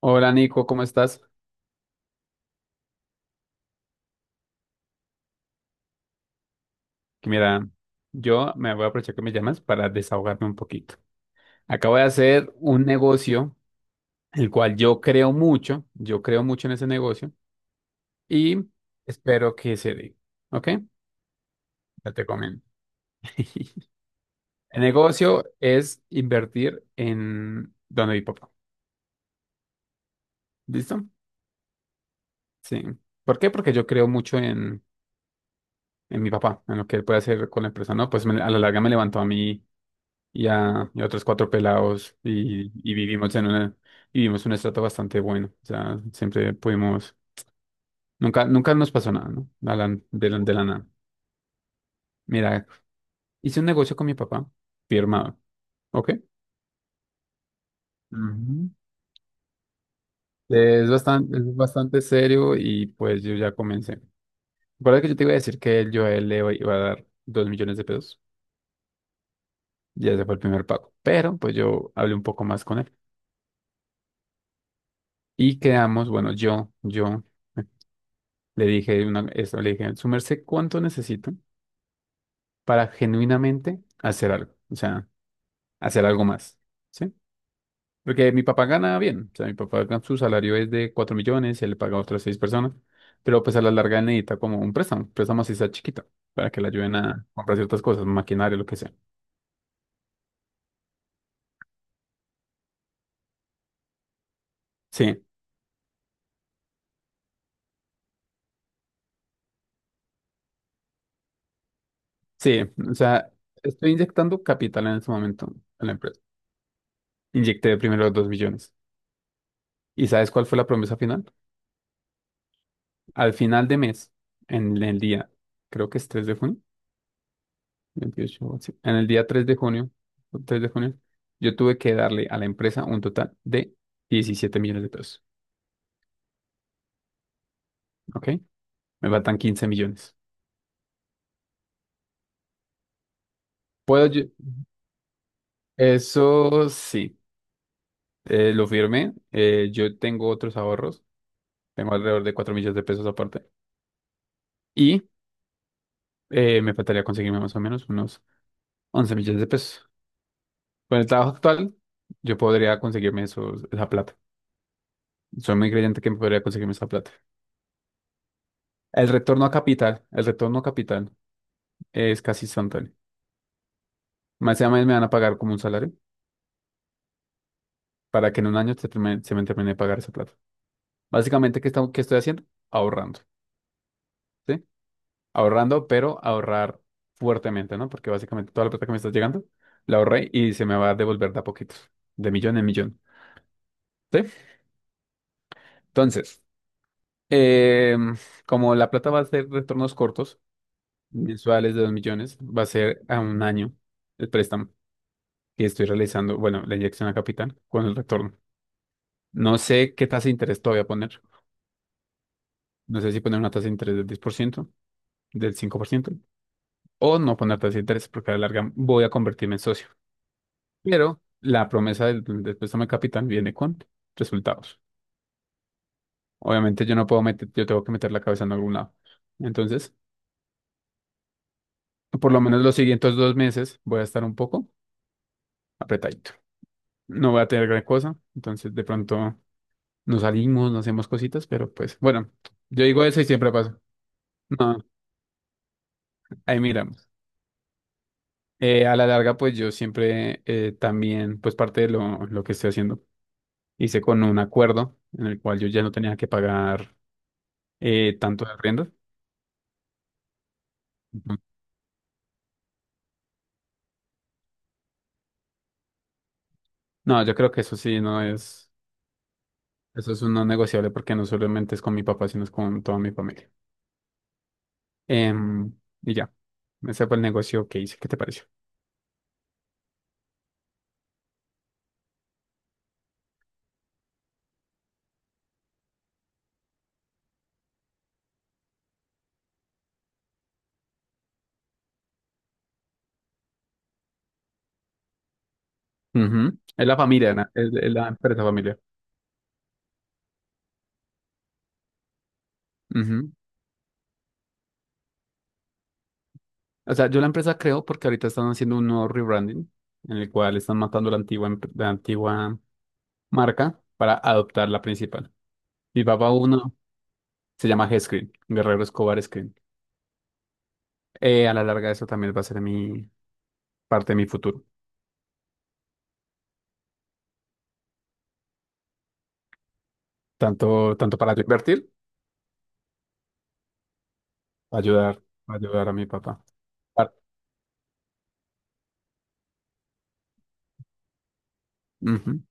Hola Nico, ¿cómo estás? Mira, yo me voy a aprovechar que me llamas para desahogarme un poquito. Acabo de hacer un negocio, el cual yo creo mucho en ese negocio y espero que se dé, ¿ok? Ya te comento. El negocio es invertir en donde mi papá, ¿listo? Sí. ¿Por qué? Porque yo creo mucho en mi papá, en lo que él puede hacer con la empresa, ¿no? Pues a la larga me levantó a mí y a otros cuatro pelados y vivimos un estrato bastante bueno. O sea, siempre pudimos, nunca nos pasó nada, ¿no? A la- de la, de la nada. Mira, hice un negocio con mi papá, firmado, ¿ok? Ujú. Es bastante serio y pues yo ya comencé. Recuerda que yo te iba a decir que yo a él le iba a dar 2 millones de pesos. Ya ese fue el primer pago. Pero pues yo hablé un poco más con él. Y quedamos, bueno, yo. Le dije, su merced, ¿cuánto necesito para genuinamente hacer algo? O sea, hacer algo más, ¿sí? Porque mi papá gana bien, o sea, su salario es de 4 millones, él le paga a otras 6 personas, pero pues a la larga él necesita como un préstamo así sea chiquito, para que le ayuden a comprar ciertas cosas, maquinaria, lo que sea. Sí, sí, o sea, estoy inyectando capital en este momento en la empresa. Inyecté primero 2 millones. ¿Y sabes cuál fue la promesa final? Al final de mes, en el día, creo que es 3 de junio. 28 sí. En el día tres de junio, yo tuve que darle a la empresa un total de 17 millones de pesos, ¿ok? Me faltan 15 millones. Puedo yo- Eso sí, lo firmé. Yo tengo otros ahorros, tengo alrededor de 4 millones de pesos aparte. Y me faltaría conseguirme más o menos unos 11 millones de pesos. Con el trabajo actual, yo podría conseguirme esos, esa plata. Soy muy creyente que me podría conseguirme esa plata. El retorno a capital es casi instantáneo. Más sea allá me van a pagar como un salario para que en un año se me termine de pagar esa plata. Básicamente, ¿qué estoy haciendo? Ahorrando, ¿sí? Ahorrando, pero ahorrar fuertemente, ¿no? Porque básicamente toda la plata que me está llegando la ahorré y se me va a devolver de a poquitos, de millón en millón, ¿sí? Entonces, em, como la plata va a ser retornos cortos, mensuales de 2 millones, va a ser a un año el préstamo que estoy realizando, bueno, la inyección a capital con el retorno. No sé qué tasa de interés todavía voy a poner. No sé si poner una tasa de interés del 10% del 5% o no poner tasa de interés porque a la larga voy a convertirme en socio. Pero la promesa del préstamo de capital viene con resultados. Obviamente yo no puedo meter, yo tengo que meter la cabeza en algún lado. Entonces, por lo menos los siguientes 2 meses voy a estar un poco apretadito. No voy a tener gran cosa, entonces de pronto nos salimos, nos hacemos cositas, pero pues bueno, yo digo eso y siempre pasa. No, ahí mira. A la larga, pues yo siempre también, pues parte de lo que estoy haciendo, hice con un acuerdo en el cual yo ya no tenía que pagar tanto de arriendo. Ujú. No, yo creo que eso sí no es, eso es un no negociable porque no solamente es con mi papá, sino es con toda mi familia. Em, y ya, ese fue el negocio que hice. ¿Qué te pareció? Ujú. Es la familia, es la empresa familiar. Ujú. O sea, yo la empresa creo porque ahorita están haciendo un nuevo rebranding en el cual están matando la antigua. Marca para adoptar la principal. Mi papá uno se llama G-Screen, Guerrero Escobar Screen. A la larga eso también va a ser mi parte de mi futuro. Tanto, tanto para yo invertir, ayudar, ayudar a mi papá. Par- Ujú.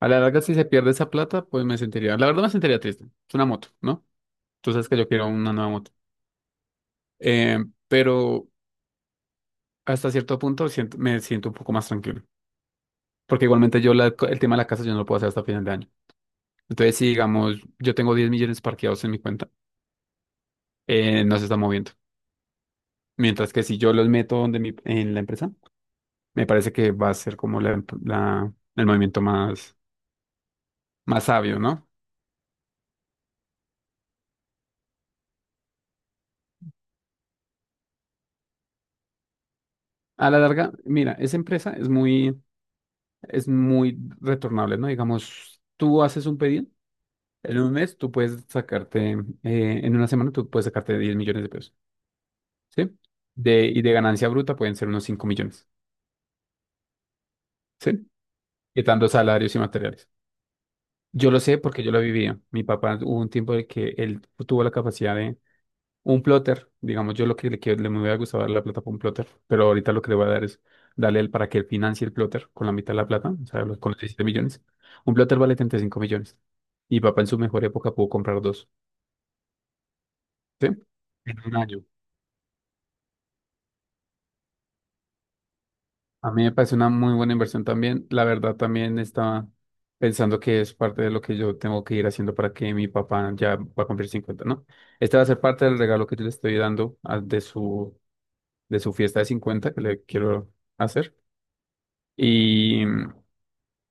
A la larga si se pierde esa plata, pues me sentiría, la verdad me sentiría triste. Es una moto, ¿no? Tú sabes que yo quiero una nueva moto. Eh, pero hasta cierto punto me siento un poco más tranquilo. Porque igualmente el tema de la casa yo no lo puedo hacer hasta final de año. Entonces, si digamos, yo tengo 10 millones parqueados en mi cuenta, no se está moviendo. Mientras que si yo los meto en la empresa, me parece que va a ser como el movimiento más sabio, ¿no? A la larga, mira, esa empresa es muy, retornable, ¿no? Digamos, tú haces un pedido, en un mes tú puedes sacarte, en una semana tú puedes sacarte 10 millones de pesos, ¿sí? Y de ganancia bruta pueden ser unos 5 millones, ¿sí? Quitando salarios y materiales. Yo lo sé porque yo lo vivía. Mi papá hubo un tiempo de que él tuvo la capacidad de. Un plotter, digamos, yo lo que le quiero, le me hubiera gustado dar la plata por un plotter, pero ahorita lo que le voy a dar es darle el para que él financie el plotter con la mitad de la plata, o sea, con los 17 millones. Un plotter vale 35 millones y papá en su mejor época pudo comprar dos, ¿sí? En un año. A mí me parece una muy buena inversión también. La verdad, también estaba pensando que es parte de lo que yo tengo que ir haciendo para que mi papá ya va a cumplir 50, ¿no? Este va a ser parte del regalo que yo le estoy dando de su fiesta de 50 que le quiero hacer. Y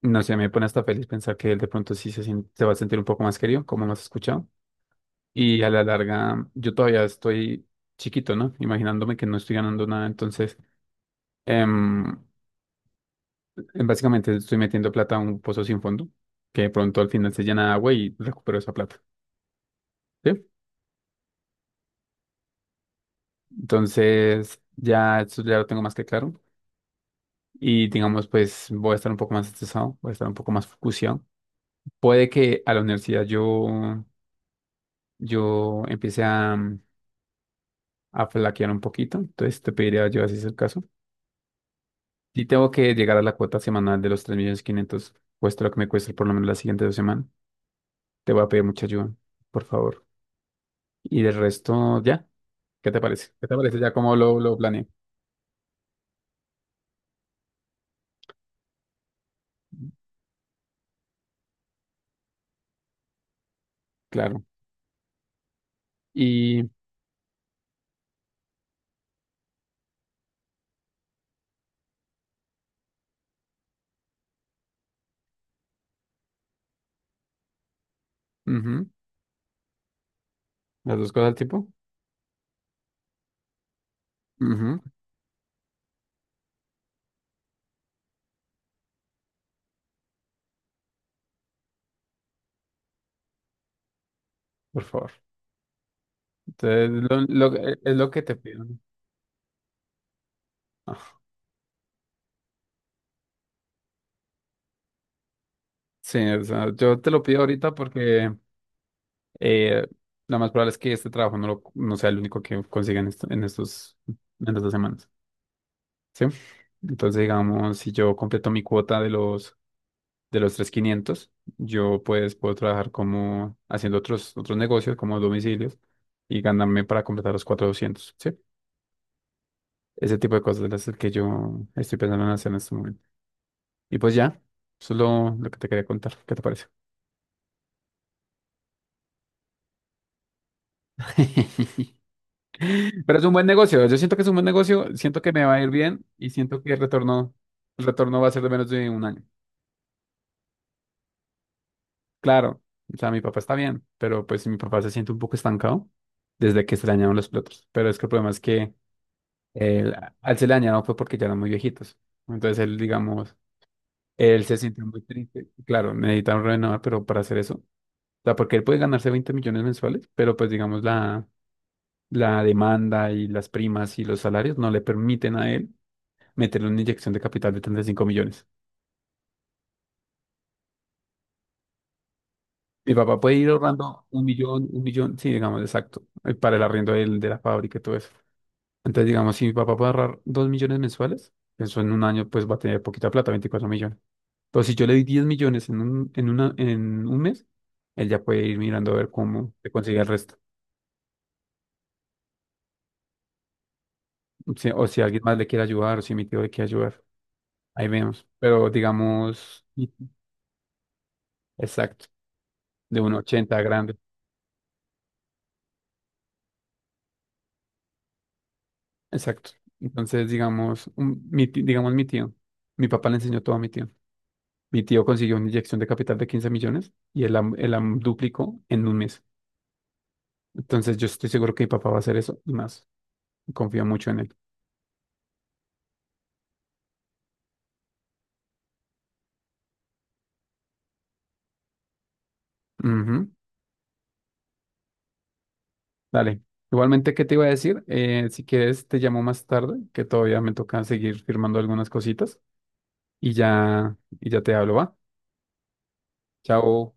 no sé, me pone hasta feliz pensar que él de pronto sí se va a sentir un poco más querido, como nos has escuchado. Y a la larga, yo todavía estoy chiquito, ¿no? Imaginándome que no estoy ganando nada. Entonces, em, básicamente estoy metiendo plata a un pozo sin fondo, que de pronto al final se llena de agua y recupero esa plata. ¿Sí? Entonces, ya eso ya lo tengo más que claro. Y digamos, pues voy a estar un poco más estresado, voy a estar un poco más focuseado. Puede que a la universidad yo empiece a flaquear un poquito, entonces te pediría yo, así es el caso. Y tengo que llegar a la cuota semanal de los 3.500.000, cuesta lo que me cueste por lo menos las siguientes dos semanas. Te voy a pedir mucha ayuda, por favor. Y del resto, ya. ¿Qué te parece? ¿Qué te parece ya cómo lo planeé? Claro. Y ujú, las dos cosas al tipo. Ujú, por favor. Entonces, es lo que te pido, ¿no? Ah, sí, o sea, yo te lo pido ahorita porque Eh, lo más probable es que este trabajo no sea el único que consiga en, esto- en estos, en estas dos semanas, ¿sí? Entonces, digamos, si yo completo mi cuota de los, 3.500, yo pues puedo trabajar como haciendo otros negocios, como domicilios, y ganarme para completar los 4.200, ¿sí? Ese tipo de cosas es el que yo estoy pensando en hacer en este momento. Y pues ya, eso es lo que te quería contar. ¿Qué te parece? Pero es un buen negocio. Yo siento que es un buen negocio, siento que me va a ir bien y siento que el retorno va a ser de menos de un año. Claro, o sea, mi papá está bien, pero pues si mi papá se siente un poco estancado desde que se le dañaron los platos. Pero es que el problema es que él- al se le dañaron fue porque ya eran muy viejitos. Entonces él, digamos, él se siente muy triste. Claro, necesitan renovar, pero para hacer eso, o sea, porque él puede ganarse 20 millones mensuales, pero pues digamos la demanda y las primas y los salarios no le permiten a él meterle una inyección de capital de 35 millones. Mi papá puede ir ahorrando un millón, sí, digamos, exacto, para el arriendo la fábrica y todo eso. Entonces, digamos, si mi papá puede ahorrar 2 millones mensuales, eso en un año, pues va a tener poquita plata, 24 millones. Pero si yo le di 10 millones en un mes, él ya puede ir mirando a ver cómo se consigue el resto. O si alguien más le quiere ayudar, o si mi tío le quiere ayudar, ahí vemos. Pero digamos, exacto, de 1,80 grande. Exacto. Entonces, digamos, digamos mi tío, mi papá le enseñó todo a mi tío. Mi tío consiguió una inyección de capital de 15 millones y él la duplicó en un mes. Entonces, yo estoy seguro que mi papá va a hacer eso y más. Confío mucho en él. Ujú. Dale. Igualmente, ¿qué te iba a decir? Si quieres, te llamo más tarde, que todavía me toca seguir firmando algunas cositas y ya te hablo, ¿va? Chao.